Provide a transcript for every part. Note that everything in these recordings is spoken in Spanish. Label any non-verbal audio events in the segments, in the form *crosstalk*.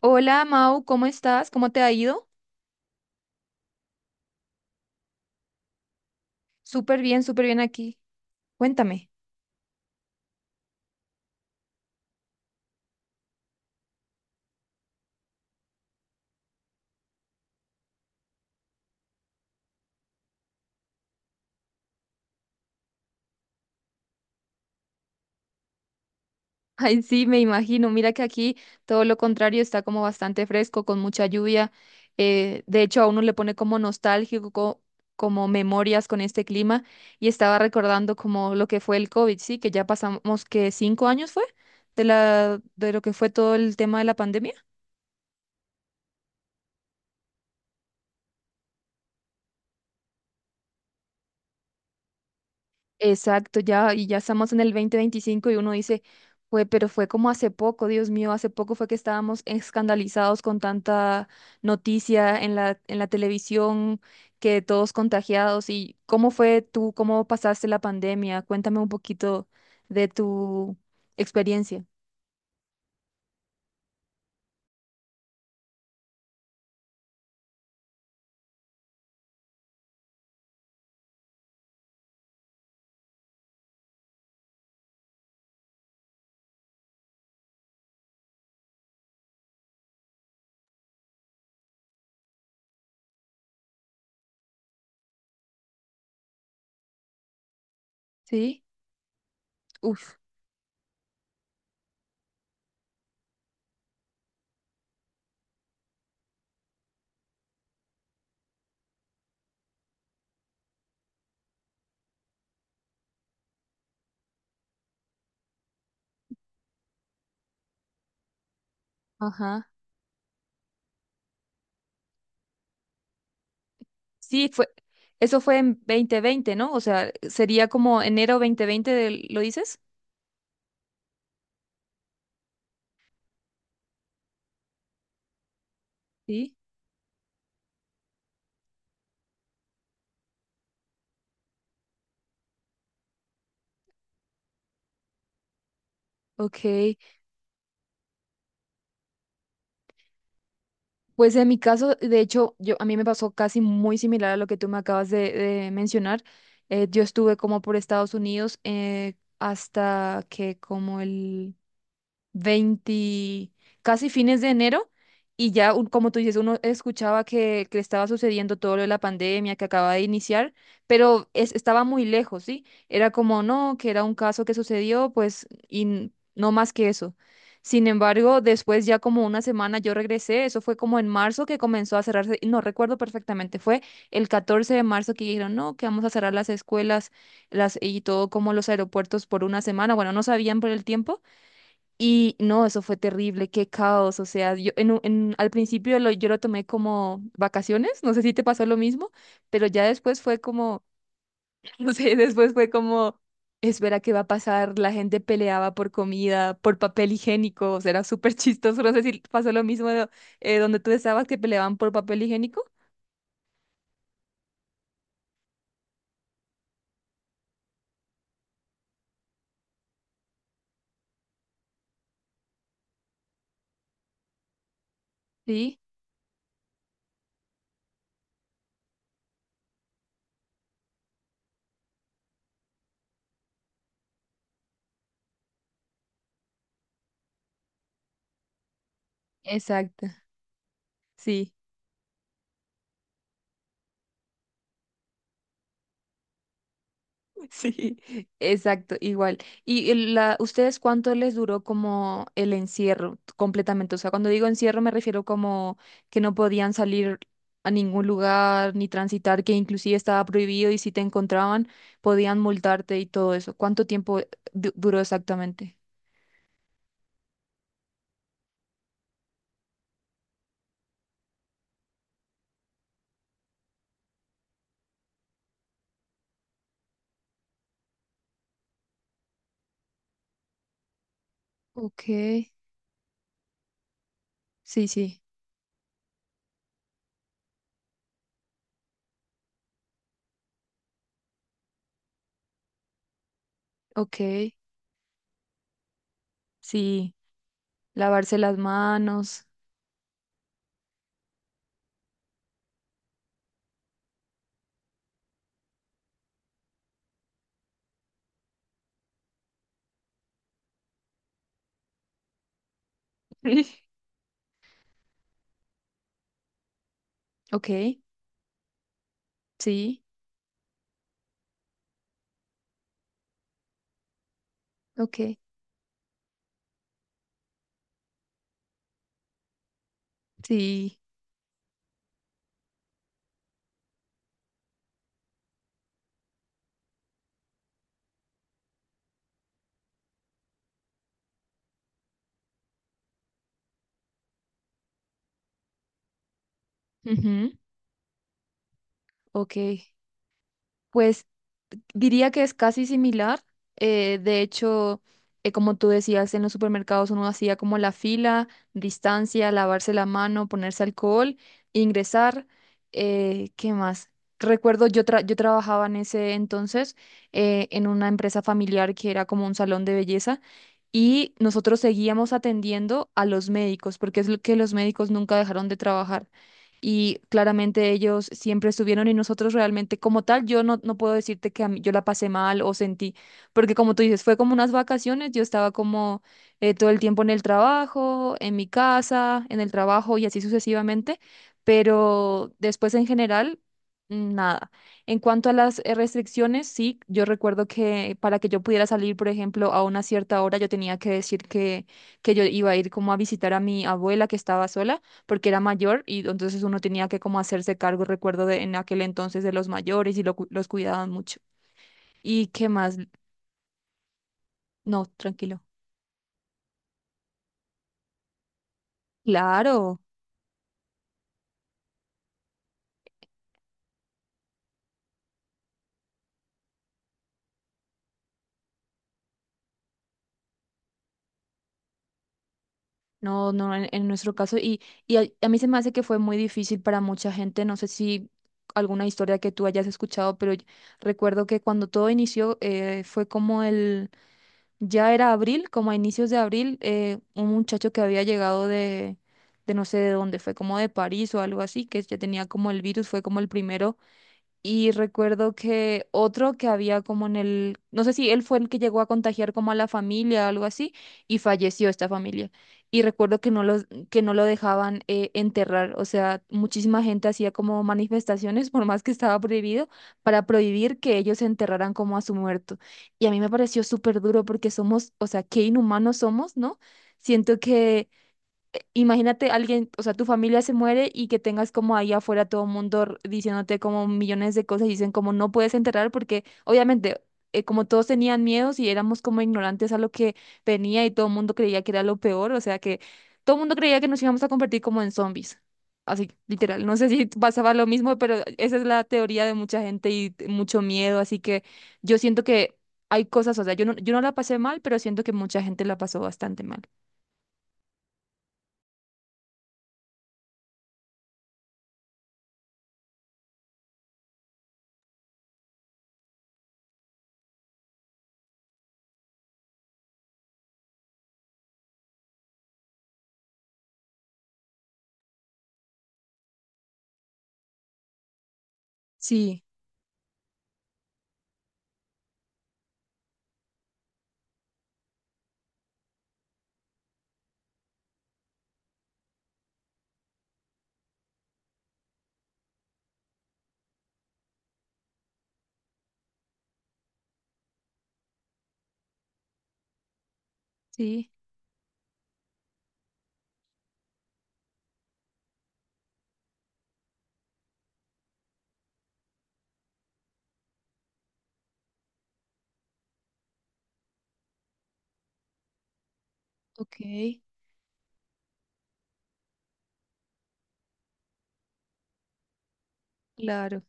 Hola, Mau, ¿cómo estás? ¿Cómo te ha ido? Súper bien aquí. Cuéntame. *laughs* Ay, sí, me imagino. Mira que aquí todo lo contrario está como bastante fresco, con mucha lluvia. De hecho, a uno le pone como nostálgico, como memorias con este clima. Y estaba recordando como lo que fue el COVID, sí, que ya pasamos que 5 años fue de lo que fue todo el tema de la pandemia. Exacto, ya, y ya estamos en el 2025 y uno dice, fue, pero fue como hace poco, Dios mío, hace poco fue que estábamos escandalizados con tanta noticia en la televisión, que todos contagiados. ¿Y cómo fue tú, cómo pasaste la pandemia? Cuéntame un poquito de tu experiencia. Sí, uf, ajá. Sí, eso fue en 2020, ¿no? O sea, sería como enero 2020, ¿lo dices? Sí. Ok. Pues en mi caso, de hecho, a mí me pasó casi muy similar a lo que tú me acabas de mencionar. Yo estuve como por Estados Unidos hasta que como el 20, casi fines de enero, y ya, como tú dices, uno escuchaba que estaba sucediendo todo lo de la pandemia que acaba de iniciar, pero estaba muy lejos, ¿sí? Era como, no, que era un caso que sucedió, pues, y no más que eso. Sin embargo, después ya como una semana yo regresé, eso fue como en marzo que comenzó a cerrarse, no recuerdo perfectamente, fue el 14 de marzo que dijeron, no, que vamos a cerrar las escuelas las, y todo como los aeropuertos por una semana, bueno, no sabían por el tiempo, y no, eso fue terrible, qué caos. O sea, yo en, un- en- al principio yo lo tomé como vacaciones, no sé si te pasó lo mismo, pero ya después fue como, *laughs* no sé, después fue como, espera, ¿qué va a pasar? La gente peleaba por comida, por papel higiénico, o sea, era súper *laughs* chistoso. No sé si pasó lo mismo donde tú estabas, que peleaban por papel higiénico. Sí, exacto. Sí. *laughs* Sí, exacto, igual. ¿ Ustedes, ¿cuánto les duró como el encierro completamente? O sea, cuando digo encierro me refiero como que no podían salir a ningún lugar ni transitar, que inclusive estaba prohibido y si te encontraban podían multarte y todo eso. ¿Cuánto tiempo duró exactamente? Ok, sí, sí, ok, sí, lavarse las manos. *laughs* Ok, sí, ok, sí, ujú, ok. Pues diría que es casi similar. De hecho, como tú decías, en los supermercados uno hacía como la fila, distancia, lavarse la mano, ponerse alcohol, ingresar. ¿Qué más? Recuerdo, yo trabajaba en ese entonces en una empresa familiar que era como un salón de belleza y nosotros seguíamos atendiendo a los médicos porque es lo que los médicos nunca dejaron de trabajar y claramente ellos siempre estuvieron y nosotros realmente como tal, yo no, no puedo decirte que yo la pasé mal o sentí, porque como tú dices, fue como unas vacaciones, yo estaba como todo el tiempo en el trabajo, en mi casa, en el trabajo y así sucesivamente, pero después en general, nada. En cuanto a las restricciones, sí, yo recuerdo que para que yo pudiera salir, por ejemplo, a una cierta hora, yo tenía que decir que yo iba a ir como a visitar a mi abuela que estaba sola porque era mayor y entonces uno tenía que como hacerse cargo, recuerdo de, en aquel entonces de los mayores y los cuidaban mucho. ¿Y qué más? No, tranquilo. Claro, no, no, en nuestro caso. Y a mí se me hace que fue muy difícil para mucha gente, no sé si alguna historia que tú hayas escuchado, pero yo recuerdo que cuando todo inició fue como ya era abril, como a inicios de abril, un muchacho que había llegado de no sé de dónde, fue como de París o algo así, que ya tenía como el virus, fue como el primero. Y recuerdo que otro que había como en el, no sé si él fue el que llegó a contagiar como a la familia o algo así, y falleció esta familia. Y recuerdo que que no lo dejaban enterrar, o sea, muchísima gente hacía como manifestaciones, *laughs* por más que estaba prohibido, para prohibir que ellos enterraran como a su muerto. Y a mí me pareció súper duro porque somos, o sea, qué inhumanos somos, ¿no? Siento. Imagínate alguien, o sea, tu familia se muere y que tengas como ahí afuera todo el mundo diciéndote como millones de cosas y dicen como no puedes enterrar porque obviamente como todos tenían miedos y éramos como ignorantes a lo que venía y todo el mundo creía que era lo peor, o sea que todo el mundo creía que nos íbamos a convertir como en zombies. Así, literal. No sé si *laughs* pasaba lo mismo, pero esa es la teoría de mucha gente y mucho miedo, así que yo siento que hay cosas, o sea, yo no la pasé mal, pero siento que mucha gente la pasó bastante mal. Sí, sí. Ok, claro.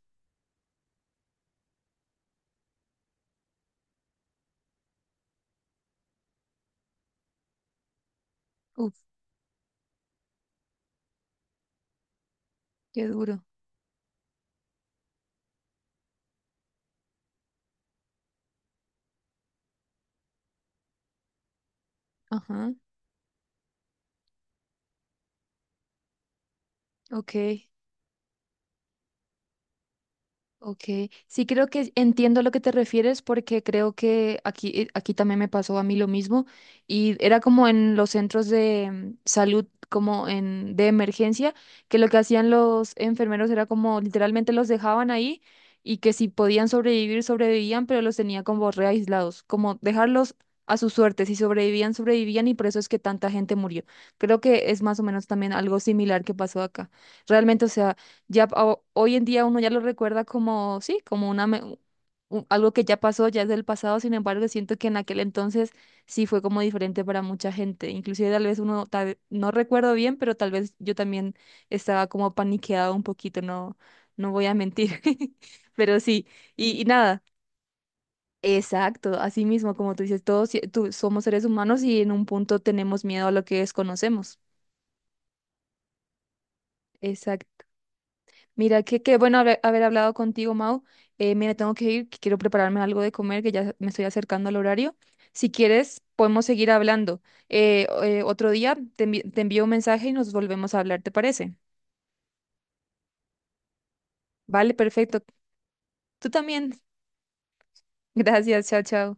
Uf, qué duro. Ajá, ok. Ok, sí creo que entiendo a lo que te refieres porque creo que aquí, aquí también me pasó a mí lo mismo y era como en los centros de salud como en de emergencia que lo que hacían los enfermeros era como literalmente los dejaban ahí y que si podían sobrevivir sobrevivían pero los tenía como re aislados, como dejarlos a su suerte, si sobrevivían sobrevivían y por eso es que tanta gente murió. Creo que es más o menos también algo similar que pasó acá. Realmente, o sea... Ya hoy en día uno ya lo recuerda como, sí, como una algo que ya pasó, ya es del pasado, sin embargo, siento que en aquel entonces sí fue como diferente para mucha gente. Inclusive tal vez uno, no recuerdo bien, pero tal vez yo también estaba como paniqueada un poquito, no, no voy a mentir. *laughs* Pero sí, y nada. Exacto, así mismo, como tú dices, todos somos seres humanos y en un punto tenemos miedo a lo que desconocemos. Exacto. Mira, que qué bueno haber hablado contigo, Mau. Mira, tengo que ir, que quiero prepararme algo de comer, que ya me estoy acercando al horario. Si quieres, podemos seguir hablando. Otro día te envío un mensaje y nos volvemos a hablar, ¿te parece? Vale, perfecto. Tú también. *laughs* Gracias, chao, chao.